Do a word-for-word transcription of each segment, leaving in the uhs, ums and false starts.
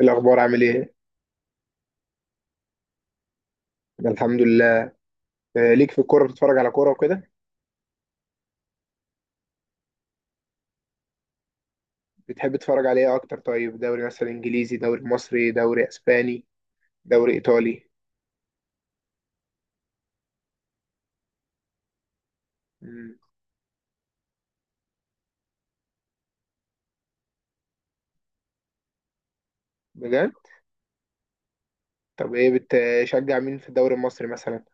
الأخبار عامل إيه؟ أنا الحمد لله. آه، ليك في الكورة بتتفرج على كورة وكده؟ بتحب تتفرج على إيه أكتر طيب؟ دوري مثلا إنجليزي، دوري مصري، دوري أسباني، دوري إيطالي؟ مم. بجد؟ طب إيه بتشجع مين في الدوري المصري مثلا؟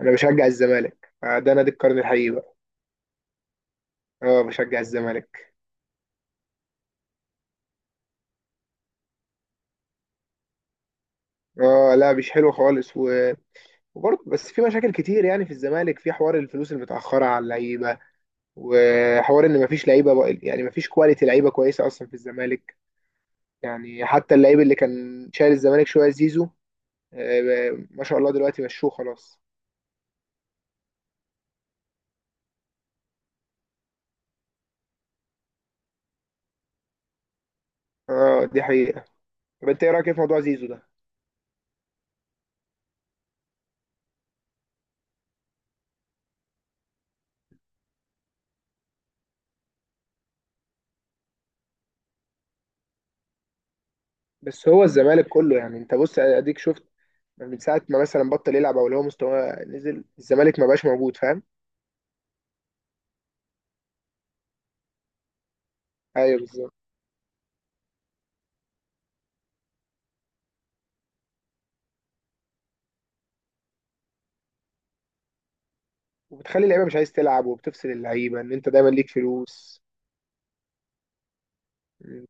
أنا بشجع الزمالك، آه، ده نادي القرن الحقيقي بقى. أه بشجع الزمالك. أه لا مش حلو خالص و... وبرضه بس في مشاكل كتير يعني في الزمالك، في حوار الفلوس المتأخرة على اللعيبة وحوار إن مفيش لعيبة بقى- يعني مفيش كواليتي لعيبة كويسة أصلا في الزمالك. يعني حتى اللعيب اللي كان شايل الزمالك شويه زيزو، آه، ما شاء الله دلوقتي مشوه خلاص. اه دي حقيقه. طب انت ايه رايك إيه في موضوع زيزو ده؟ بس هو الزمالك كله يعني، انت بص اديك شفت من ساعه ما مثلا بطل يلعب او اللي هو مستواه نزل، الزمالك ما بقاش موجود، فاهم؟ ايوه بالظبط. وبتخلي اللعيبه مش عايز تلعب وبتفصل اللعيبه ان انت دايما ليك فلوس. م.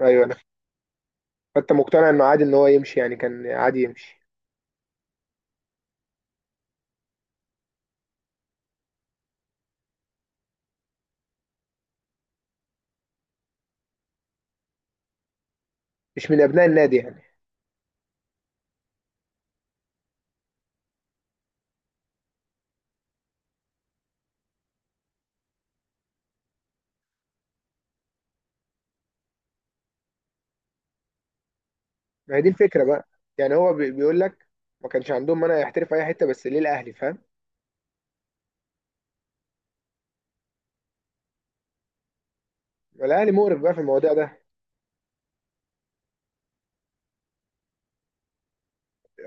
ايوه انا. فانت مقتنع انه عادي ان هو يمشي، يعني كان عادي يمشي؟ مش من ابناء النادي يعني. ما هي دي الفكره بقى. يعني هو بي- بيقول لك ما كانش عندهم مانع يحترف اي حته، بس ليه الاهلي؟ فاهم؟ الاهلي مقرف بقى في المواضيع ده.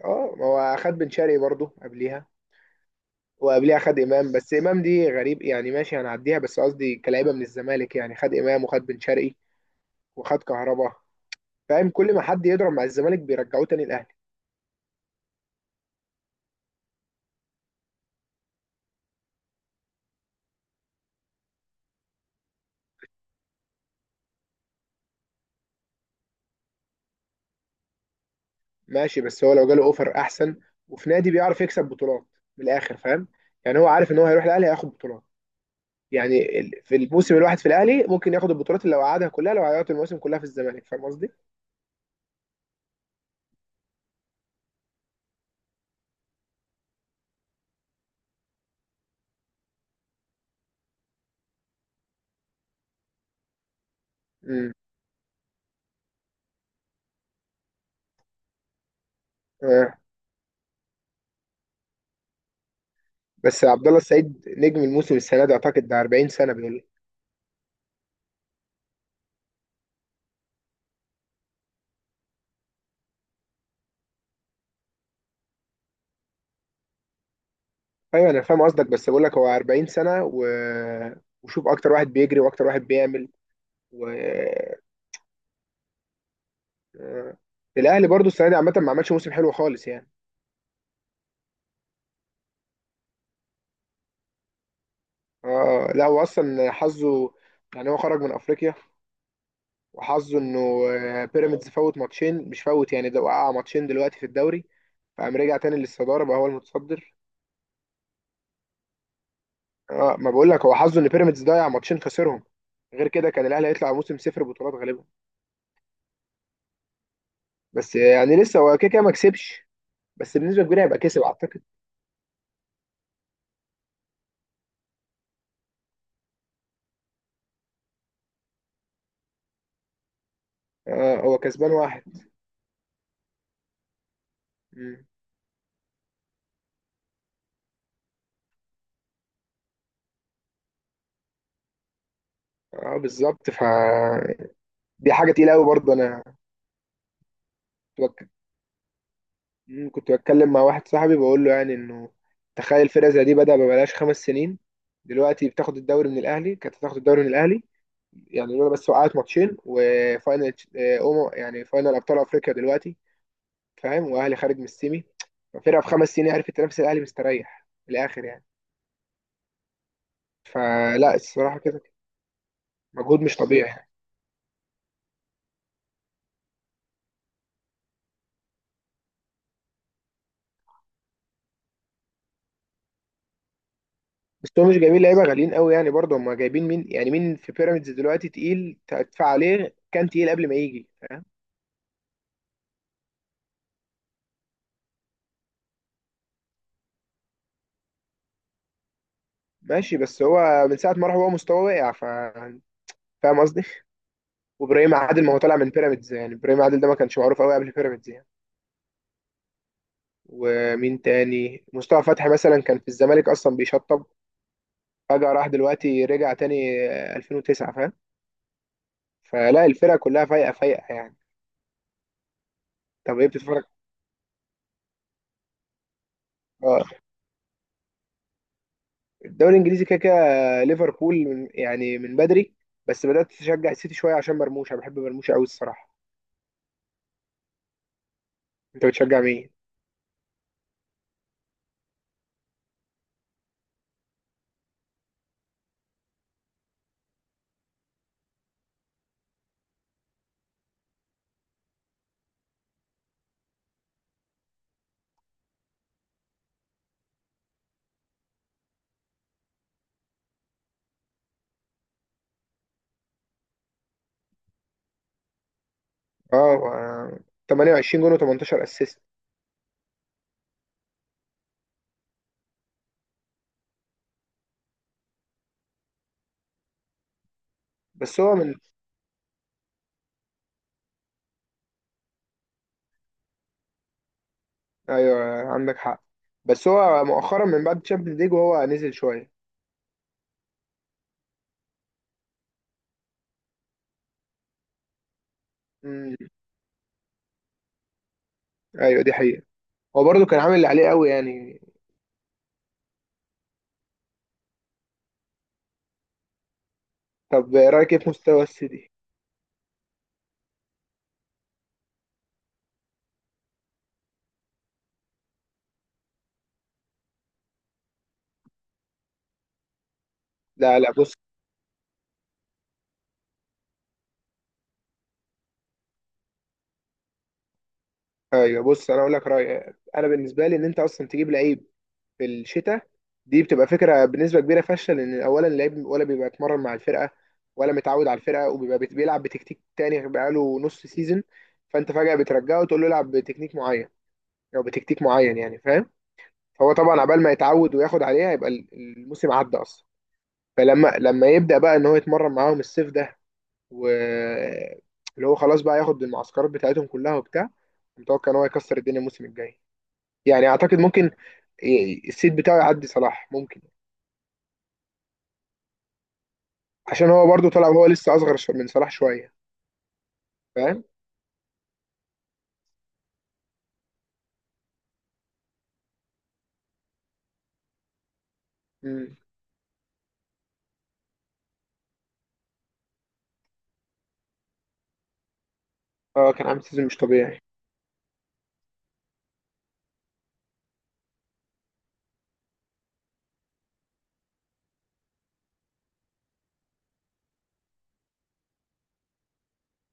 اه ما هو اخد بن شرقي برضه قبليها. وقبليها خد امام، بس امام دي غريب يعني، ماشي هنعديها، بس قصدي كلاعيبه من الزمالك يعني. خد امام وخد بن شرقي وخد كهربا. فاهم؟ كل ما حد يضرب مع الزمالك بيرجعوه تاني الاهلي. ماشي بس هو لو جاله اوفر احسن، وفي نادي بيعرف يكسب بطولات، من الاخر فاهم؟ يعني هو عارف ان هو هيروح الاهلي هياخد بطولات. يعني ال- في الموسم الواحد في الاهلي ممكن ياخد البطولات اللي لو قعدها كلها، لو عيط الموسم كلها في الزمالك، فاهم قصدي؟ امم. آه. بس عبد الله السعيد نجم الموسم السنه دي اعتقد، ده أربعين سنه بيقول لي. ايوه انا فاهم قصدك بس بقول لك هو أربعين سنه و... وشوف اكتر واحد بيجري واكتر واحد بيعمل، و آه. الاهلي برضو السنه دي عامه ما عملش موسم حلو خالص يعني. اه لا هو اصلا حظه، يعني هو خرج من افريقيا وحظه انه، آه، بيراميدز فوت ماتشين، مش فوت يعني ده وقع ماتشين دلوقتي في الدوري، فقام رجع تاني للصدارة بقى هو المتصدر. اه ما بقول لك هو حظه ان بيراميدز ضيع ماتشين، خسرهم. غير كده كان الاهلي هيطلع موسم صفر بطولات غالبا. بس آه، يعني لسه هو كده كده ما كسبش. بس بنسبة كبيرة هيبقى كسب اعتقد. اه هو كسبان واحد. مم. اه بالظبط ف، دي حاجة تقيلة قوي برضه انا. مم، كنت بتكلم مع واحد صاحبي بقول له يعني انه، تخيل فرقه زي دي بدأ ببلاش خمس سنين، دلوقتي بتاخد الدوري من الاهلي، كانت هتاخد الدوري من الاهلي، يعني لولا بس وقعت ماتشين وفاينل، آه، أمم- يعني فاينل ابطال افريقيا دلوقتي، فاهم؟ واهلي خارج من السيمي. ففرقه في خمس سنين عرفت تنافس الاهلي، مستريح من الاخر يعني. فلا الصراحه كده، مجهود مش طبيعي يعني. بس هو مش جايبين لعيبه غاليين قوي يعني، برضه هم جايبين مين؟ يعني مين في بيراميدز دلوقتي تقيل تدفع عليه كان تقيل قبل ما يجي؟ ماشي بس هو من ساعة ما راح هو مستواه واقع ف، فاهم قصدي؟ وابراهيم عادل ما هو طالع من بيراميدز يعني، ابراهيم عادل ده ما كانش معروف قوي قبل بيراميدز يعني. ومين تاني؟ مصطفى فتحي مثلا كان في الزمالك اصلا بيشطب، فجأة راح دلوقتي رجع تاني ألفين وتسعة، فاهم؟ فلا الفرقة كلها فايقة فايقة يعني. طب ايه بتتفرج؟ اه الدوري الانجليزي كده كده ليفربول من يعني من بدري، بس بدأت تشجع السيتي شوية عشان مرموش، انا بحب مرموش قوي الصراحة. انت بتشجع مين؟ اه و-، تمنية وعشرين جون و18 اسيست. بس هو من، ايوه عندك حق. بس هو مؤخرا من بعد تشامبيونز ليج وهو نزل شويه. امم. ايوه دي حقيقه. هو برضه كان عامل اللي عليه قوي يعني. طب رايك ايه في مستوى السيتي؟ لا لا بص. ايوه بص انا اقول لك رايي، انا بالنسبه لي ان انت اصلا تجيب لعيب في الشتاء، دي بتبقى فكره بنسبه كبيره فاشله، لان اولا اللعيب ولا بيبقى اتمرن مع الفرقه ولا متعود على الفرقه، وبيبقى بت- بيلعب بتكتيك تاني بقاله نص سيزون، فانت فجاه بترجعه وتقول له العب بتكنيك معين او بتكتيك معين يعني، فاهم؟ هو طبعا عبال ما يتعود وياخد عليها يبقى ال- الموسم عدى اصلا. فلما لما يبدا بقى ان هو يتمرن معاهم الصيف ده و، اللي هو خلاص بقى ياخد المعسكرات بتاعتهم كلها وبتاع، متوقع ان هو يكسر الدنيا الموسم الجاي، يعني اعتقد ممكن، ي- السيد بتاعه يعدي صلاح ممكن، عشان هو برضو طلع وهو لسه اصغر شو- من صلاح شويه، فاهم؟ مم. اه كان عامل سيزون مش طبيعي.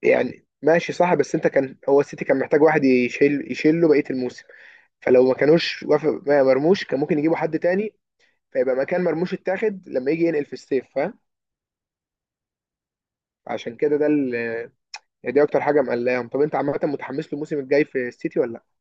يعني ماشي صح، بس انت كان هو السيتي كان محتاج واحد يشيل، يشيله بقيه الموسم، فلو ما كانوش وافق ما مرموش كان ممكن يجيبوا حد تاني، فيبقى مكان مرموش اتاخد لما يجي ينقل في الصيف، فاهم؟ عشان كده ده ال-، يعني دي اكتر حاجه مقلقاهم. طب انت عامه متحمس له الموسم الجاي في السيتي ولا لا؟